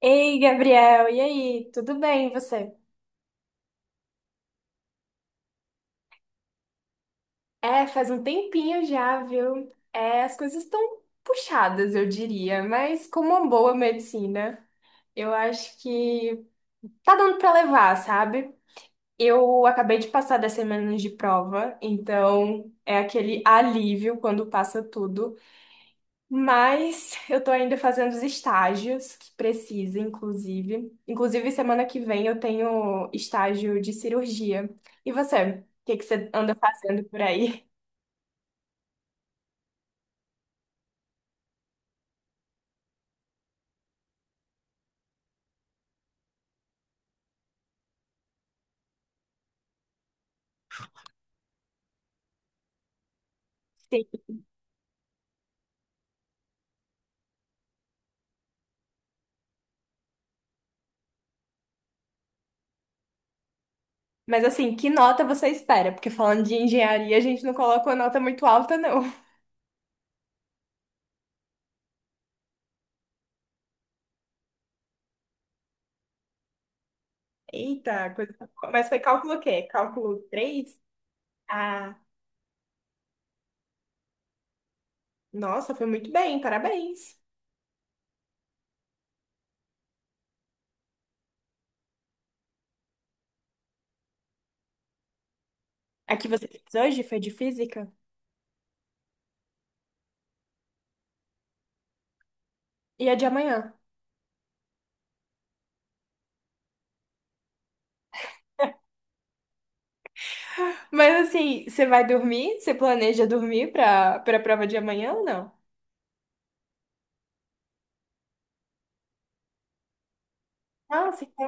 Ei, Gabriel, e aí? Tudo bem, e você? É, faz um tempinho já, viu? É, as coisas estão puxadas, eu diria, mas como uma boa medicina, eu acho que tá dando pra levar, sabe? Eu acabei de passar das semanas de prova, então é aquele alívio quando passa tudo. Mas eu tô ainda fazendo os estágios que precisa, inclusive. Semana que vem eu tenho estágio de cirurgia. E você? O que que você anda fazendo por aí? Sim. Mas assim, que nota você espera? Porque falando de engenharia, a gente não coloca uma nota muito alta, não. Eita, coisa. Mas foi cálculo o quê? Cálculo 3? Ah, nossa, foi muito bem, parabéns. A que você fez hoje foi de física? E a de amanhã? Mas assim, você vai dormir? Você planeja dormir pra prova de amanhã ou não? Nossa, que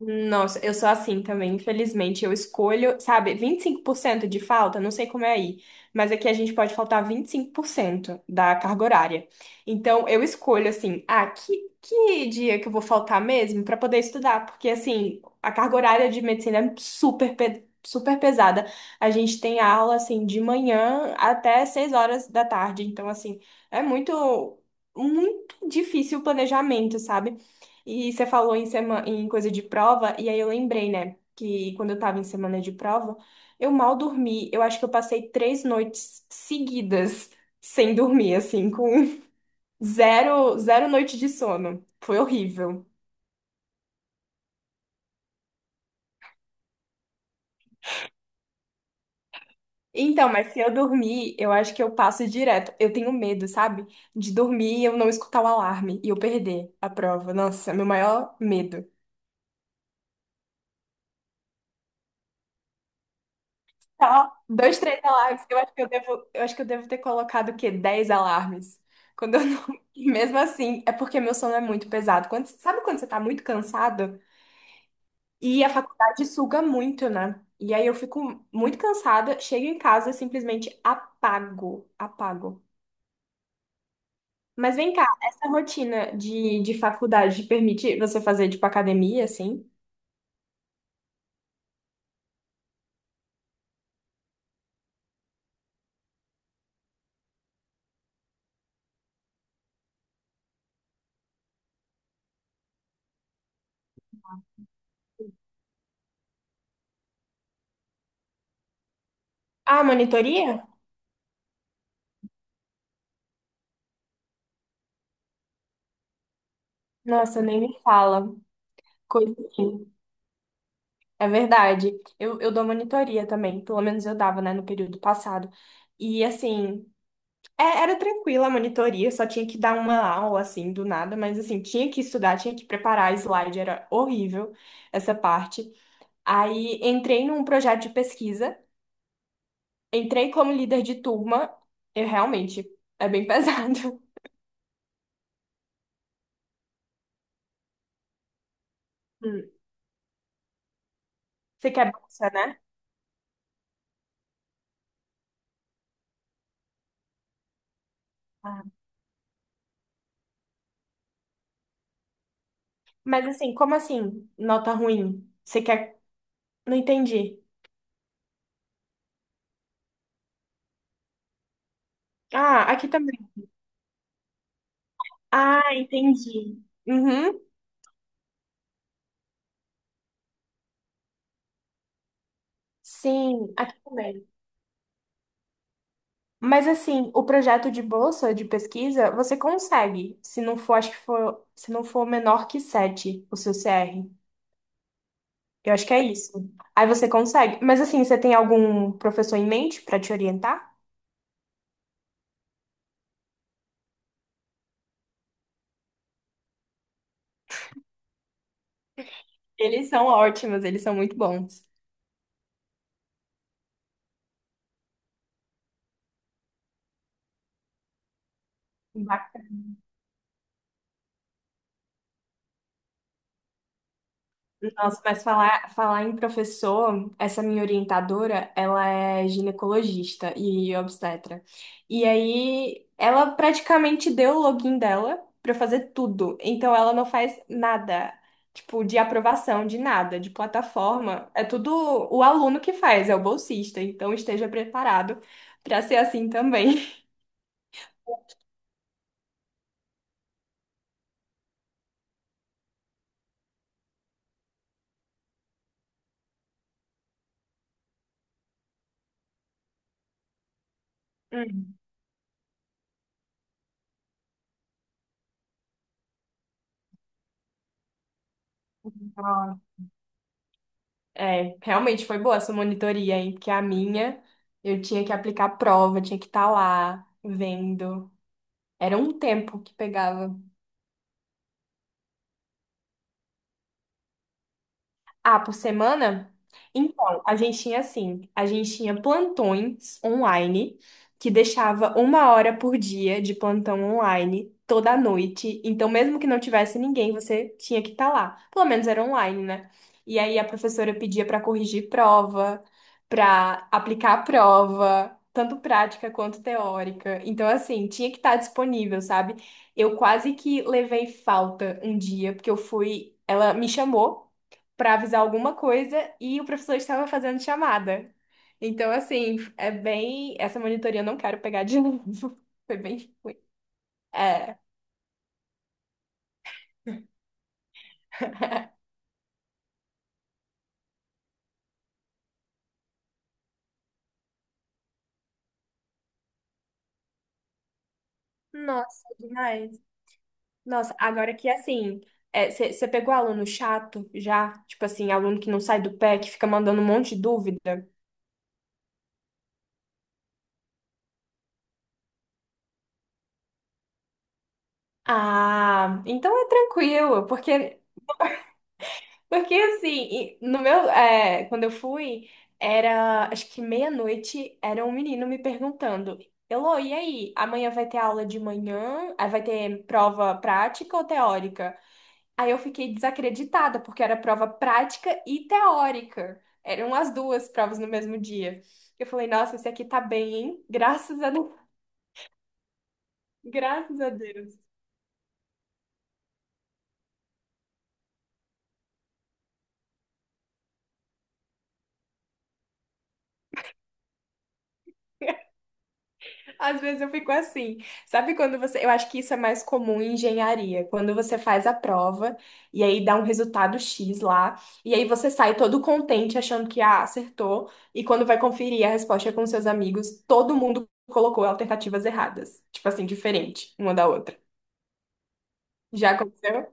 nossa, eu sou assim também, infelizmente. Eu escolho, sabe, 25% de falta, não sei como é aí, mas aqui a gente pode faltar 25% da carga horária. Então, eu escolho, assim, ah, que dia que eu vou faltar mesmo para poder estudar, porque, assim, a carga horária de medicina é super pesada. A gente tem aula, assim, de manhã até 6 horas da tarde, então, assim, é muito. Muito difícil o planejamento, sabe? E você falou em coisa de prova, e aí eu lembrei, né, que quando eu tava em semana de prova, eu mal dormi. Eu acho que eu passei 3 noites seguidas sem dormir, assim, com zero, zero noite de sono. Foi horrível. Então, mas se eu dormir, eu acho que eu passo direto. Eu tenho medo, sabe? De dormir e eu não escutar o alarme e eu perder a prova. Nossa, é meu maior medo. Só 2, 3 alarmes. Eu acho que eu devo ter colocado o quê? 10 alarmes. Quando eu não... E mesmo assim, é porque meu sono é muito pesado. Quando, sabe quando você tá muito cansado? E a faculdade suga muito, né? E aí eu fico muito cansada, chego em casa, simplesmente apago, apago. Mas vem cá, essa rotina de faculdade te permite você fazer, tipo, academia, assim? Ah, monitoria? Nossa, nem me fala. Coisa assim. É verdade. Eu dou monitoria também. Pelo menos eu dava, né, no período passado. E, assim, é, era tranquila a monitoria, só tinha que dar uma aula assim do nada, mas assim, tinha que estudar, tinha que preparar slide, era horrível essa parte. Aí entrei num projeto de pesquisa, entrei como líder de turma, e realmente é bem pesado. Hum. Você quer bolsa, né? Ah. Mas assim, como assim, nota ruim? Você quer. Não entendi. Ah, aqui também. Ah, entendi. Uhum. Sim, aqui também. Mas assim, o projeto de bolsa de pesquisa, você consegue, se não for, acho que for, se não for menor que 7 o seu CR. Eu acho que é isso. Aí você consegue. Mas assim, você tem algum professor em mente para te orientar? Eles são ótimos, eles são muito bons. Nossa, mas falar em professor, essa minha orientadora, ela é ginecologista e obstetra. E aí, ela praticamente deu o login dela pra eu fazer tudo. Então, ela não faz nada, tipo, de aprovação, de nada, de plataforma. É tudo o aluno que faz, é o bolsista. Então, esteja preparado pra ser assim também. Hum. É, realmente foi boa essa monitoria, hein? Porque a minha, eu tinha que aplicar prova, tinha que estar lá vendo. Era um tempo que pegava. Ah, por semana? Então, a gente tinha assim, a gente tinha plantões online, que deixava uma hora por dia de plantão online toda noite. Então, mesmo que não tivesse ninguém, você tinha que estar lá. Pelo menos era online, né? E aí a professora pedia para corrigir prova, para aplicar a prova, tanto prática quanto teórica. Então, assim, tinha que estar disponível, sabe? Eu quase que levei falta um dia, porque eu fui. Ela me chamou para avisar alguma coisa e o professor estava fazendo chamada. Então, assim, é bem. Essa monitoria eu não quero pegar de novo. Foi bem ruim. É. Nossa, demais. Nossa, agora que assim. Você pegou aluno chato já? Tipo assim, aluno que não sai do pé, que fica mandando um monte de dúvida? Ah, então é tranquilo, porque porque assim, e no meu, é, quando eu fui, era acho que meia-noite, era um menino me perguntando, Elô, e aí? Amanhã vai ter aula de manhã? Aí vai ter prova prática ou teórica? Aí eu fiquei desacreditada, porque era prova prática e teórica. Eram as duas provas no mesmo dia. Eu falei, nossa, esse aqui tá bem, hein? Graças a Deus. Graças a Deus. Às vezes eu fico assim. Sabe quando você. Eu acho que isso é mais comum em engenharia. Quando você faz a prova e aí dá um resultado X lá. E aí você sai todo contente achando que ah, acertou. E quando vai conferir a resposta com seus amigos, todo mundo colocou alternativas erradas. Tipo assim, diferente uma da outra. Já aconteceu?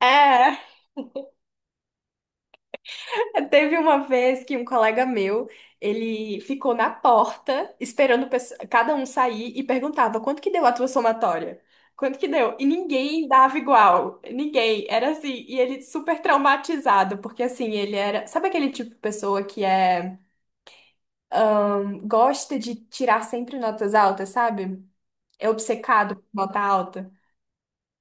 É. Teve uma vez que um colega meu, ele ficou na porta esperando cada um sair e perguntava quanto que deu a tua somatória? Quanto que deu? E ninguém dava igual. Ninguém. Era assim. E ele super traumatizado, porque assim, ele era. Sabe aquele tipo de pessoa que é. Gosta de tirar sempre notas altas, sabe? É obcecado por nota alta.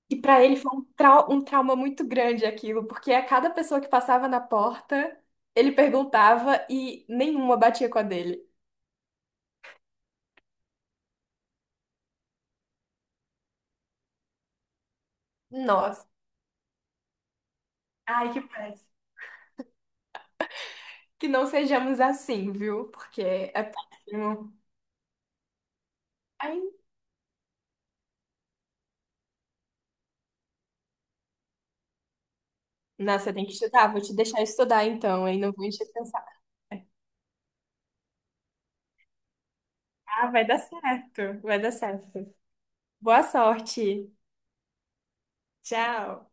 E para ele foi um trauma muito grande aquilo, porque a cada pessoa que passava na porta, ele perguntava e nenhuma batia com a dele. Nossa, ai que péssimo. Que não sejamos assim, viu? Porque é péssimo. Ai, não, você tem que estudar, vou te deixar estudar então, hein? Não vou encher seu saco. Ah, vai dar certo, vai dar certo. Boa sorte. Tchau.